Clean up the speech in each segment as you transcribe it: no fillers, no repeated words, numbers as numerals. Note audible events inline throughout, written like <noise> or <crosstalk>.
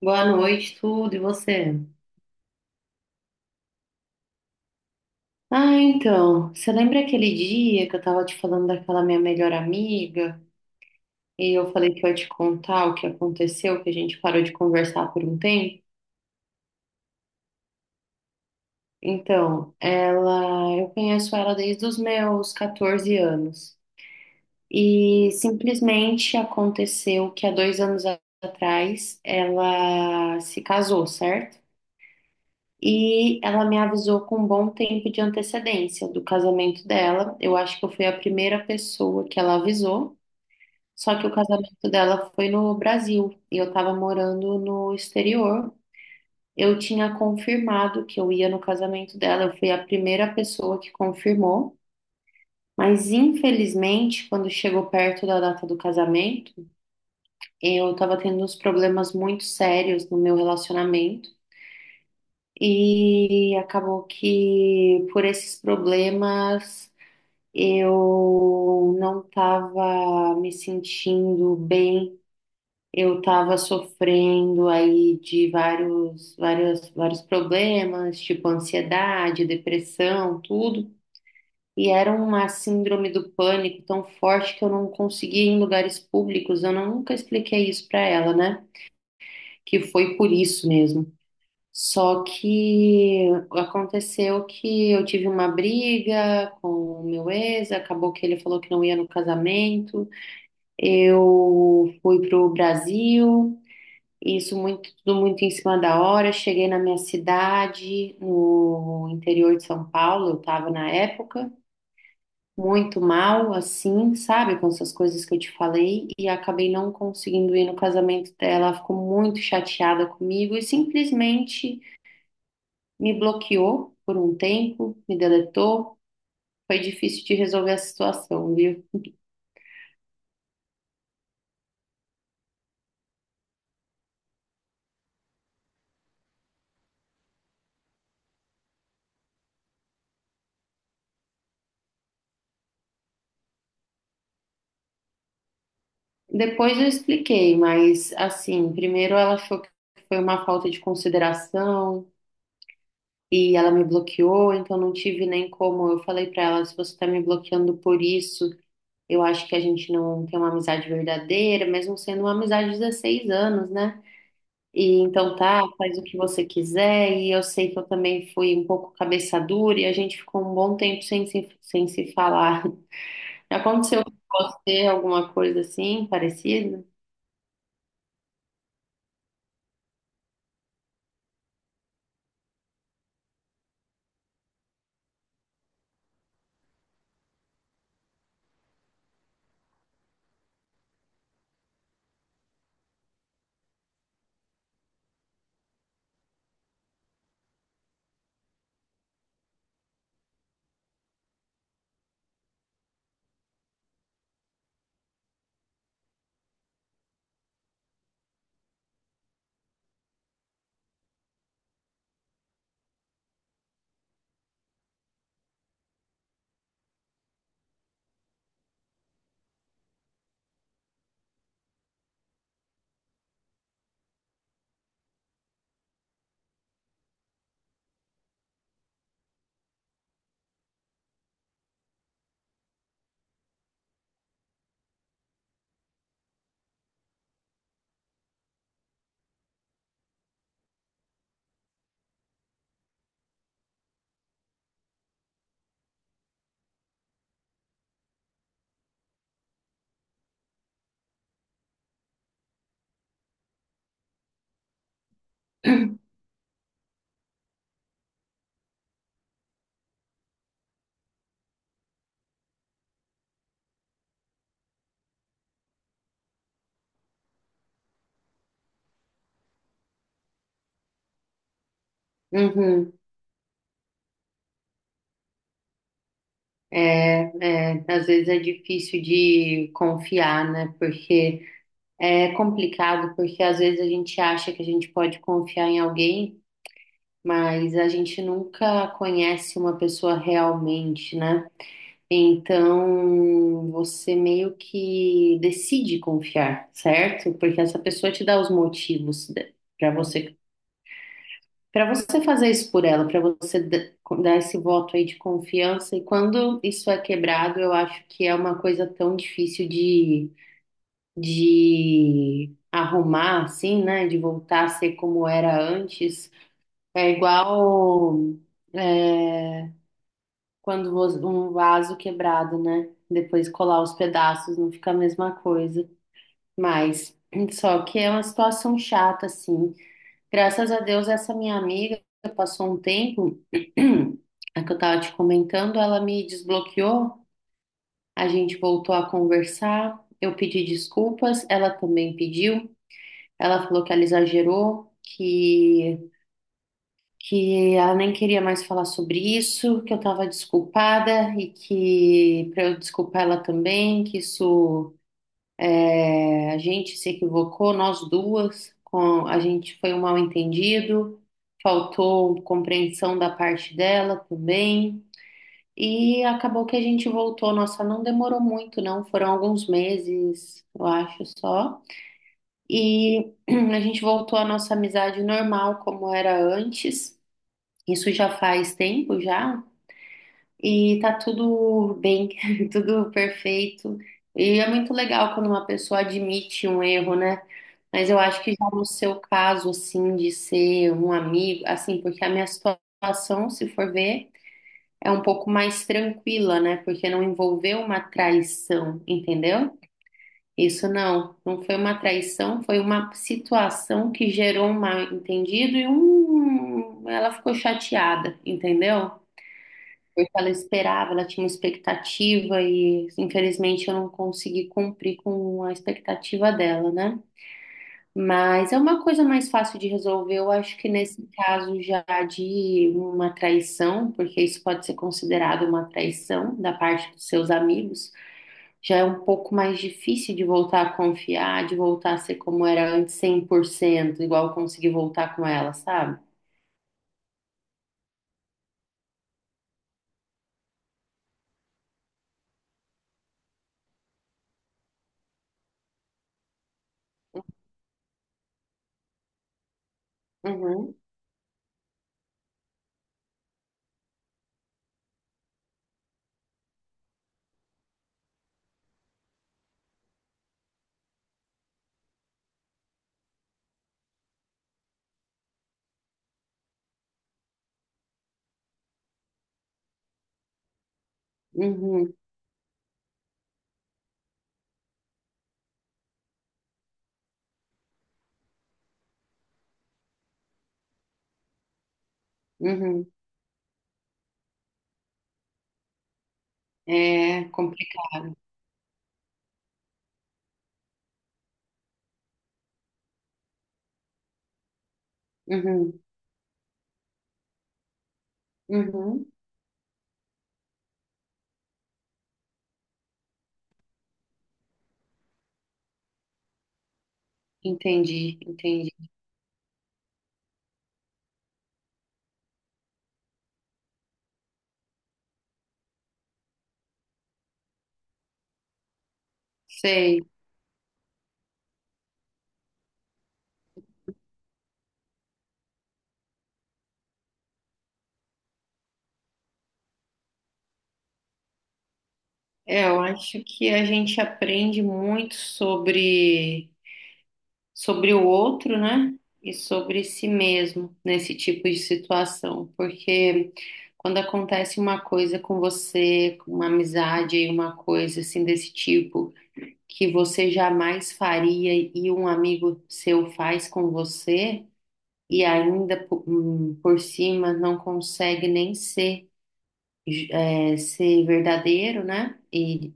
Boa noite, tudo, e você? Ah, então, você lembra aquele dia que eu tava te falando daquela minha melhor amiga e eu falei que eu ia te contar o que aconteceu, que a gente parou de conversar por um tempo? Então, ela, eu conheço ela desde os meus 14 anos. E simplesmente aconteceu que há 2 anos atrás ela se casou, certo? E ela me avisou com um bom tempo de antecedência do casamento dela. Eu acho que eu fui a primeira pessoa que ela avisou. Só que o casamento dela foi no Brasil e eu estava morando no exterior. Eu tinha confirmado que eu ia no casamento dela. Eu fui a primeira pessoa que confirmou. Mas infelizmente, quando chegou perto da data do casamento, eu estava tendo uns problemas muito sérios no meu relacionamento. E acabou que por esses problemas eu não estava me sentindo bem, eu estava sofrendo aí de vários, vários, vários problemas, tipo ansiedade, depressão, tudo. E era uma síndrome do pânico tão forte que eu não conseguia ir em lugares públicos. Eu nunca expliquei isso para ela, né? Que foi por isso mesmo. Só que aconteceu que eu tive uma briga com o meu ex, acabou que ele falou que não ia no casamento. Eu fui pro Brasil, isso muito, tudo muito em cima da hora. Cheguei na minha cidade, no interior de São Paulo, eu estava na época, muito mal, assim, sabe, com essas coisas que eu te falei, e acabei não conseguindo ir no casamento dela. Ela ficou muito chateada comigo e simplesmente. Me bloqueou por um tempo, me deletou. Foi difícil de resolver a situação, viu? Depois eu expliquei, mas assim, primeiro ela achou que foi uma falta de consideração e ela me bloqueou, então não tive nem como. Eu falei pra ela, se você tá me bloqueando por isso, eu acho que a gente não tem uma amizade verdadeira, mesmo sendo uma amizade de 16 anos, né? E então tá, faz o que você quiser. E eu sei que eu também fui um pouco cabeça dura e a gente ficou um bom tempo sem se falar. <laughs> Aconteceu com você alguma coisa assim, parecida? Uhum. É, é, às vezes é difícil de confiar, né? Porque é complicado, porque às vezes a gente acha que a gente pode confiar em alguém, mas a gente nunca conhece uma pessoa realmente, né? Então, você meio que decide confiar, certo? Porque essa pessoa te dá os motivos para você, para você fazer isso por ela, para você dar esse voto aí de confiança. E quando isso é quebrado, eu acho que é uma coisa tão difícil de arrumar, assim, né? De voltar a ser como era antes. É igual. é, Quando um vaso quebrado, né? Depois colar os pedaços, não fica a mesma coisa. Mas, só que é uma situação chata, assim. Graças a Deus, essa minha amiga passou um tempo, <clears throat> a que eu tava te comentando, ela me desbloqueou, a gente voltou a conversar, eu pedi desculpas, ela também pediu, ela falou que ela exagerou, que ela nem queria mais falar sobre isso, que eu estava desculpada e que para eu desculpar ela também, que isso a gente se equivocou, nós duas, a gente foi um mal-entendido, faltou compreensão da parte dela também. E acabou que a gente voltou. Nossa, não demorou muito, não. Foram alguns meses, eu acho só. E <clears throat> a gente voltou à nossa amizade normal, como era antes. Isso já faz tempo, já. E tá tudo bem, <laughs> tudo perfeito. E é muito legal quando uma pessoa admite um erro, né? Mas eu acho que já no seu caso, assim, de ser um amigo, assim, porque a minha situação, se for ver, é um pouco mais tranquila, né? Porque não envolveu uma traição, entendeu? Isso não, não foi uma traição, foi uma situação que gerou um mal-entendido ela ficou chateada, entendeu? Porque ela esperava, ela tinha uma expectativa e infelizmente eu não consegui cumprir com a expectativa dela, né? Mas é uma coisa mais fácil de resolver, eu acho que nesse caso já de uma traição, porque isso pode ser considerado uma traição da parte dos seus amigos, já é um pouco mais difícil de voltar a confiar, de voltar a ser como era antes 100%, igual eu consegui voltar com ela, sabe? Uhum, uhum, uhum. É complicado. Uhum, uhum. Entendi, entendi. Sei. É, eu acho que a gente aprende muito sobre o outro, né? E sobre si mesmo nesse tipo de situação, porque quando acontece uma coisa com você, com uma amizade, uma coisa assim desse tipo, que você jamais faria e um amigo seu faz com você, e ainda por cima não consegue nem ser ser verdadeiro, né? E,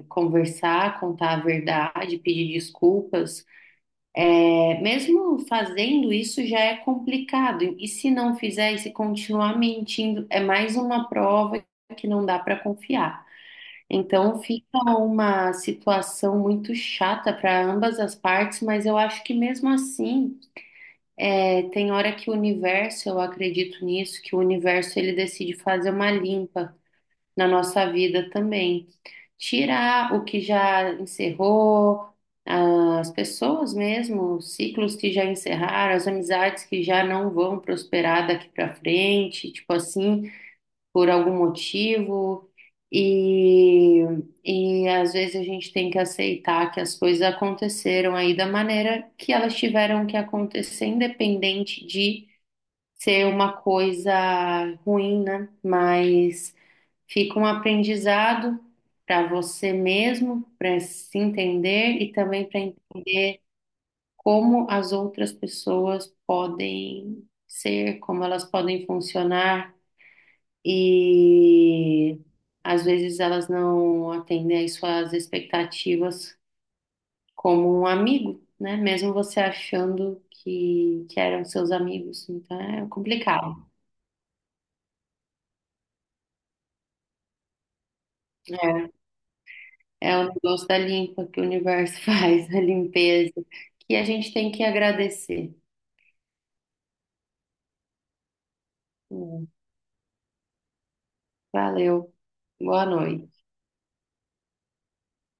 e conversar, contar a verdade, pedir desculpas. É, mesmo fazendo isso já é complicado. E se não fizer, e se continuar mentindo, é mais uma prova que não dá para confiar. Então fica uma situação muito chata para ambas as partes, mas eu acho que mesmo assim, é, tem hora que o universo, eu acredito nisso, que o universo ele decide fazer uma limpa na nossa vida também. Tirar o que já encerrou, as pessoas mesmo, os ciclos que já encerraram, as amizades que já não vão prosperar daqui para frente, tipo assim, por algum motivo. E, e às vezes a gente tem que aceitar que as coisas aconteceram aí da maneira que elas tiveram que acontecer, independente de ser uma coisa ruim, né? Mas. Fica um aprendizado para você mesmo, para se entender e também para como as outras pessoas podem ser, como elas podem funcionar e às vezes elas não atendem às suas expectativas como um amigo, né? Mesmo você achando que eram seus amigos, então é complicado. É o negócio da limpa que o universo <laughs> faz, a limpeza, que a gente tem que agradecer. Hum, Valeu. Boa noite.